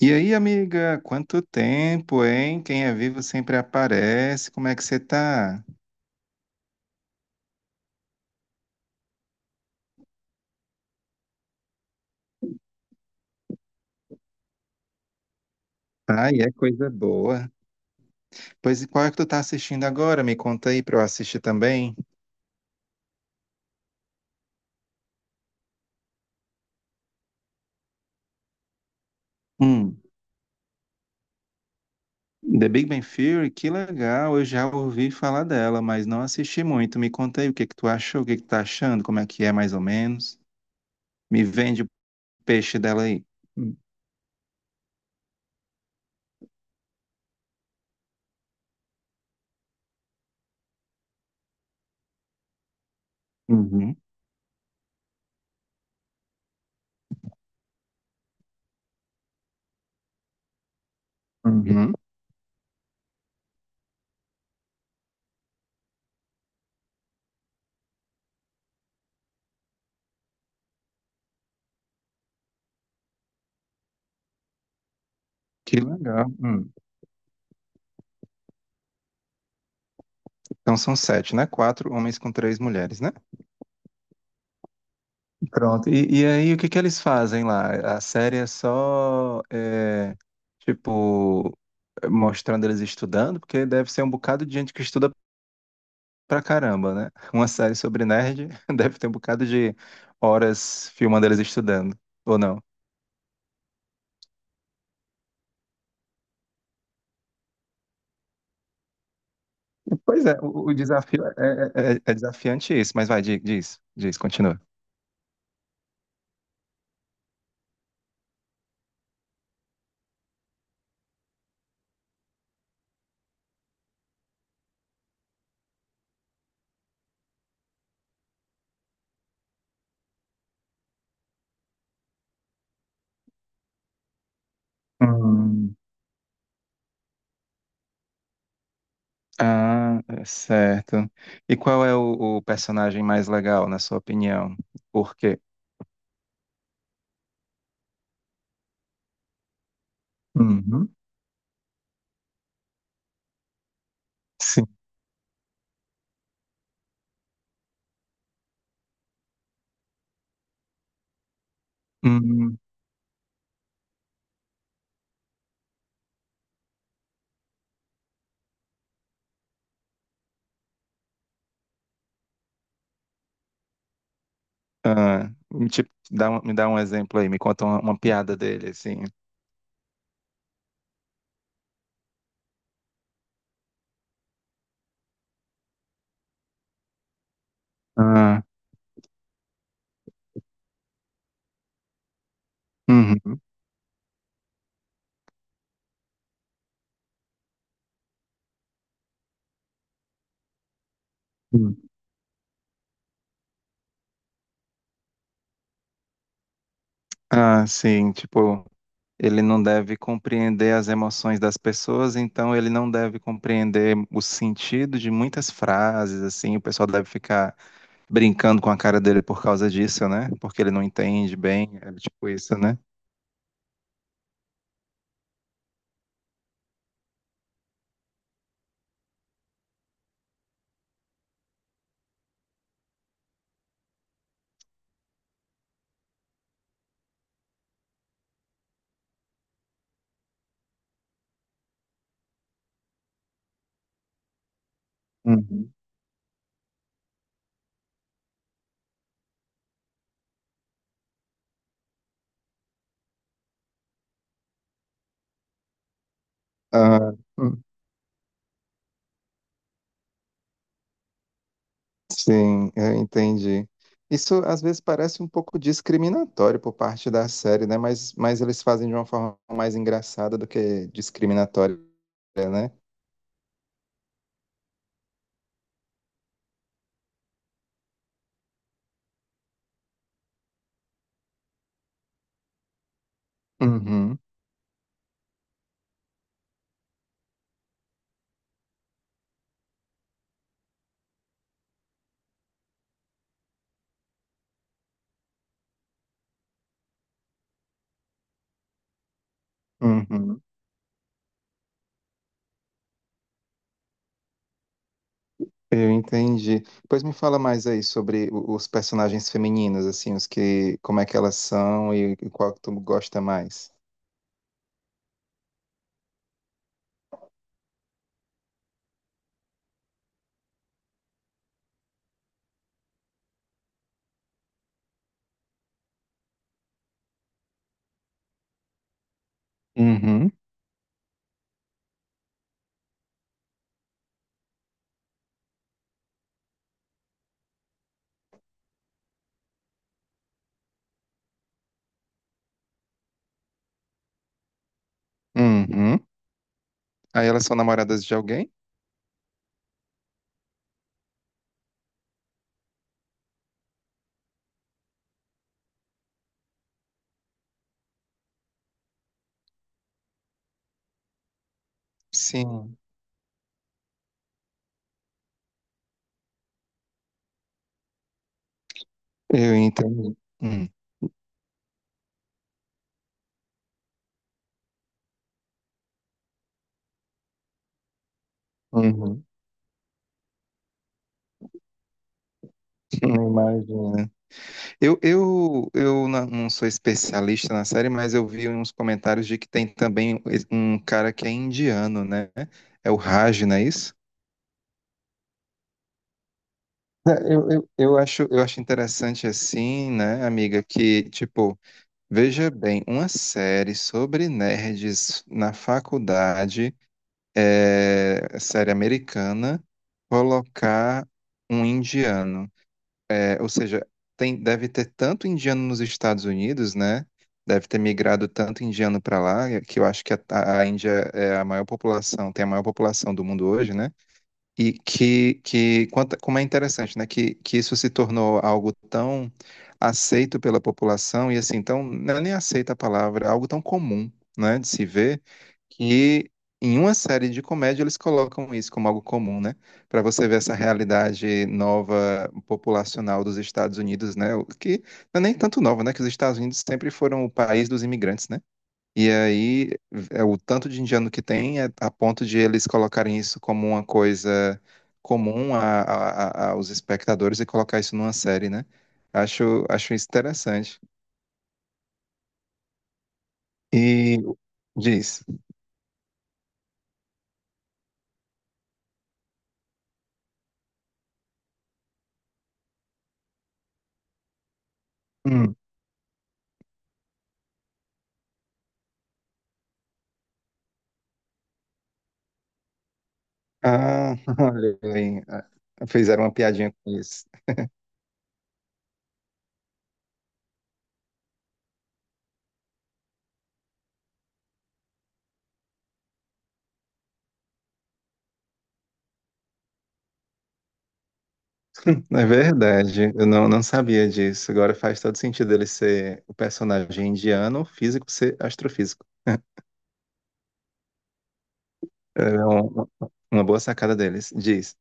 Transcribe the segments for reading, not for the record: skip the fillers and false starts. E aí, amiga, quanto tempo, hein? Quem é vivo sempre aparece. Como é que você tá? Ai, é coisa boa. Pois e qual é que tu tá assistindo agora? Me conta aí pra eu assistir também. Hum, The Big Bang Theory, que legal. Eu já ouvi falar dela, mas não assisti muito. Me conta aí o que que tu achou, o que que tu tá achando, como é que é mais ou menos. Me vende o peixe dela aí. Hum, Uhum, uhum. Que legal. Hum. Então são sete, né? Quatro homens com três mulheres, né? Pronto. E aí, o que que eles fazem lá? A série é tipo, mostrando eles estudando, porque deve ser um bocado de gente que estuda pra caramba, né? Uma série sobre nerd deve ter um bocado de horas filmando eles estudando, ou não? Pois é, o desafio é desafiante isso, mas vai, diz, continua. Hum. Ah, é certo. E qual é o personagem mais legal, na sua opinião? Por quê? Uhum. Hum, ah, me dá um exemplo aí, me conta uma piada dele, assim. Ah, uhum, hum. Ah, sim, tipo, ele não deve compreender as emoções das pessoas, então ele não deve compreender o sentido de muitas frases, assim, o pessoal deve ficar brincando com a cara dele por causa disso, né? Porque ele não entende bem, é tipo isso, né? Uhum. Ah, Sim, eu entendi. Isso às vezes parece um pouco discriminatório por parte da série, né? Mas eles fazem de uma forma mais engraçada do que discriminatória, né? Uhum, uhum. Eu entendi. Pois me fala mais aí sobre os personagens femininos, assim, os que, como é que elas são e qual que tu gosta mais. Uhum, uhum. Aí elas são namoradas de alguém? Sim, eu entendi. Uhum, uhum. Não imagino. Não sou especialista na série, mas eu vi uns comentários de que tem também um cara que é indiano, né? É o Raj, não é isso? É, eu acho interessante assim, né, amiga, que, tipo, veja bem, uma série sobre nerds na faculdade, é, série americana, colocar um indiano. É, ou seja, tem, deve ter tanto indiano nos Estados Unidos, né? Deve ter migrado tanto indiano para lá, que eu acho que a Índia é a maior população, tem a maior população do mundo hoje, né? E que, como é interessante, né? Que isso se tornou algo tão aceito pela população, e assim, então, não é nem aceita a palavra, é algo tão comum, né, de se ver, que em uma série de comédia eles colocam isso como algo comum, né? Para você ver essa realidade nova populacional dos Estados Unidos, né? o Que não é nem tanto nova, né? Que os Estados Unidos sempre foram o país dos imigrantes, né? E aí, é o tanto de indiano que tem é a ponto de eles colocarem isso como uma coisa comum aos espectadores e colocar isso numa série, né? Acho, acho isso interessante. E diz. Hum. Ah, olha aí. Ah, fizeram uma piadinha com isso. É verdade, eu não, não sabia disso. Agora faz todo sentido ele ser o personagem indiano, físico ser astrofísico. É uma boa sacada deles. Diz.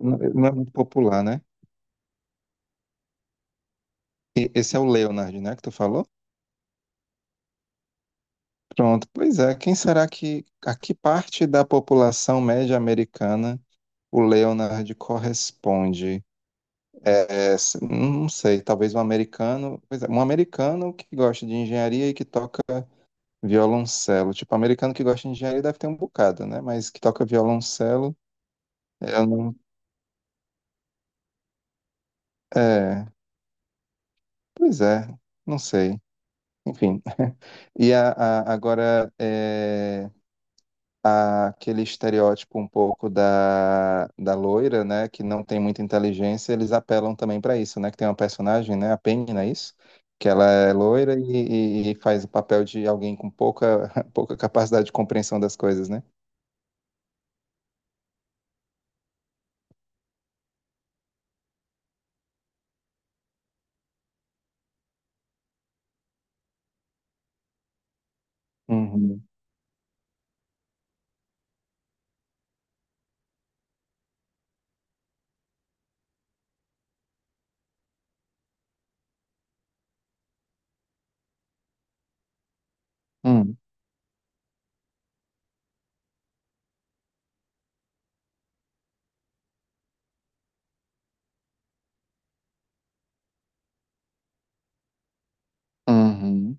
Não, não é muito popular, né? Esse é o Leonard, né, que tu falou? Pronto, pois é. Quem será que, a que parte da população média americana o Leonard corresponde? Não sei, talvez um americano, pois é, um americano que gosta de engenharia e que toca violoncelo. Tipo, americano que gosta de engenharia deve ter um bocado, né? Mas que toca violoncelo, eu não, é, pois é, não sei. Enfim. E agora, é, aquele estereótipo um pouco da loira, né, que não tem muita inteligência, eles apelam também para isso, né, que tem uma personagem, né, a Penny, não é isso? Que ela é loira e, e faz o papel de alguém com pouca, pouca capacidade de compreensão das coisas, né? Uhum. Hum. Uhum.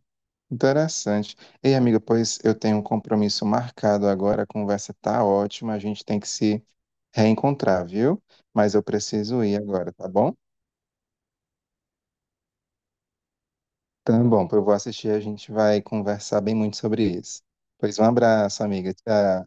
Interessante. Ei, amiga, pois eu tenho um compromisso marcado agora, a conversa tá ótima, a gente tem que se reencontrar, viu? Mas eu preciso ir agora, tá bom? Tá bom, eu vou assistir, e a gente vai conversar bem muito sobre isso. Pois um abraço, amiga. Tchau.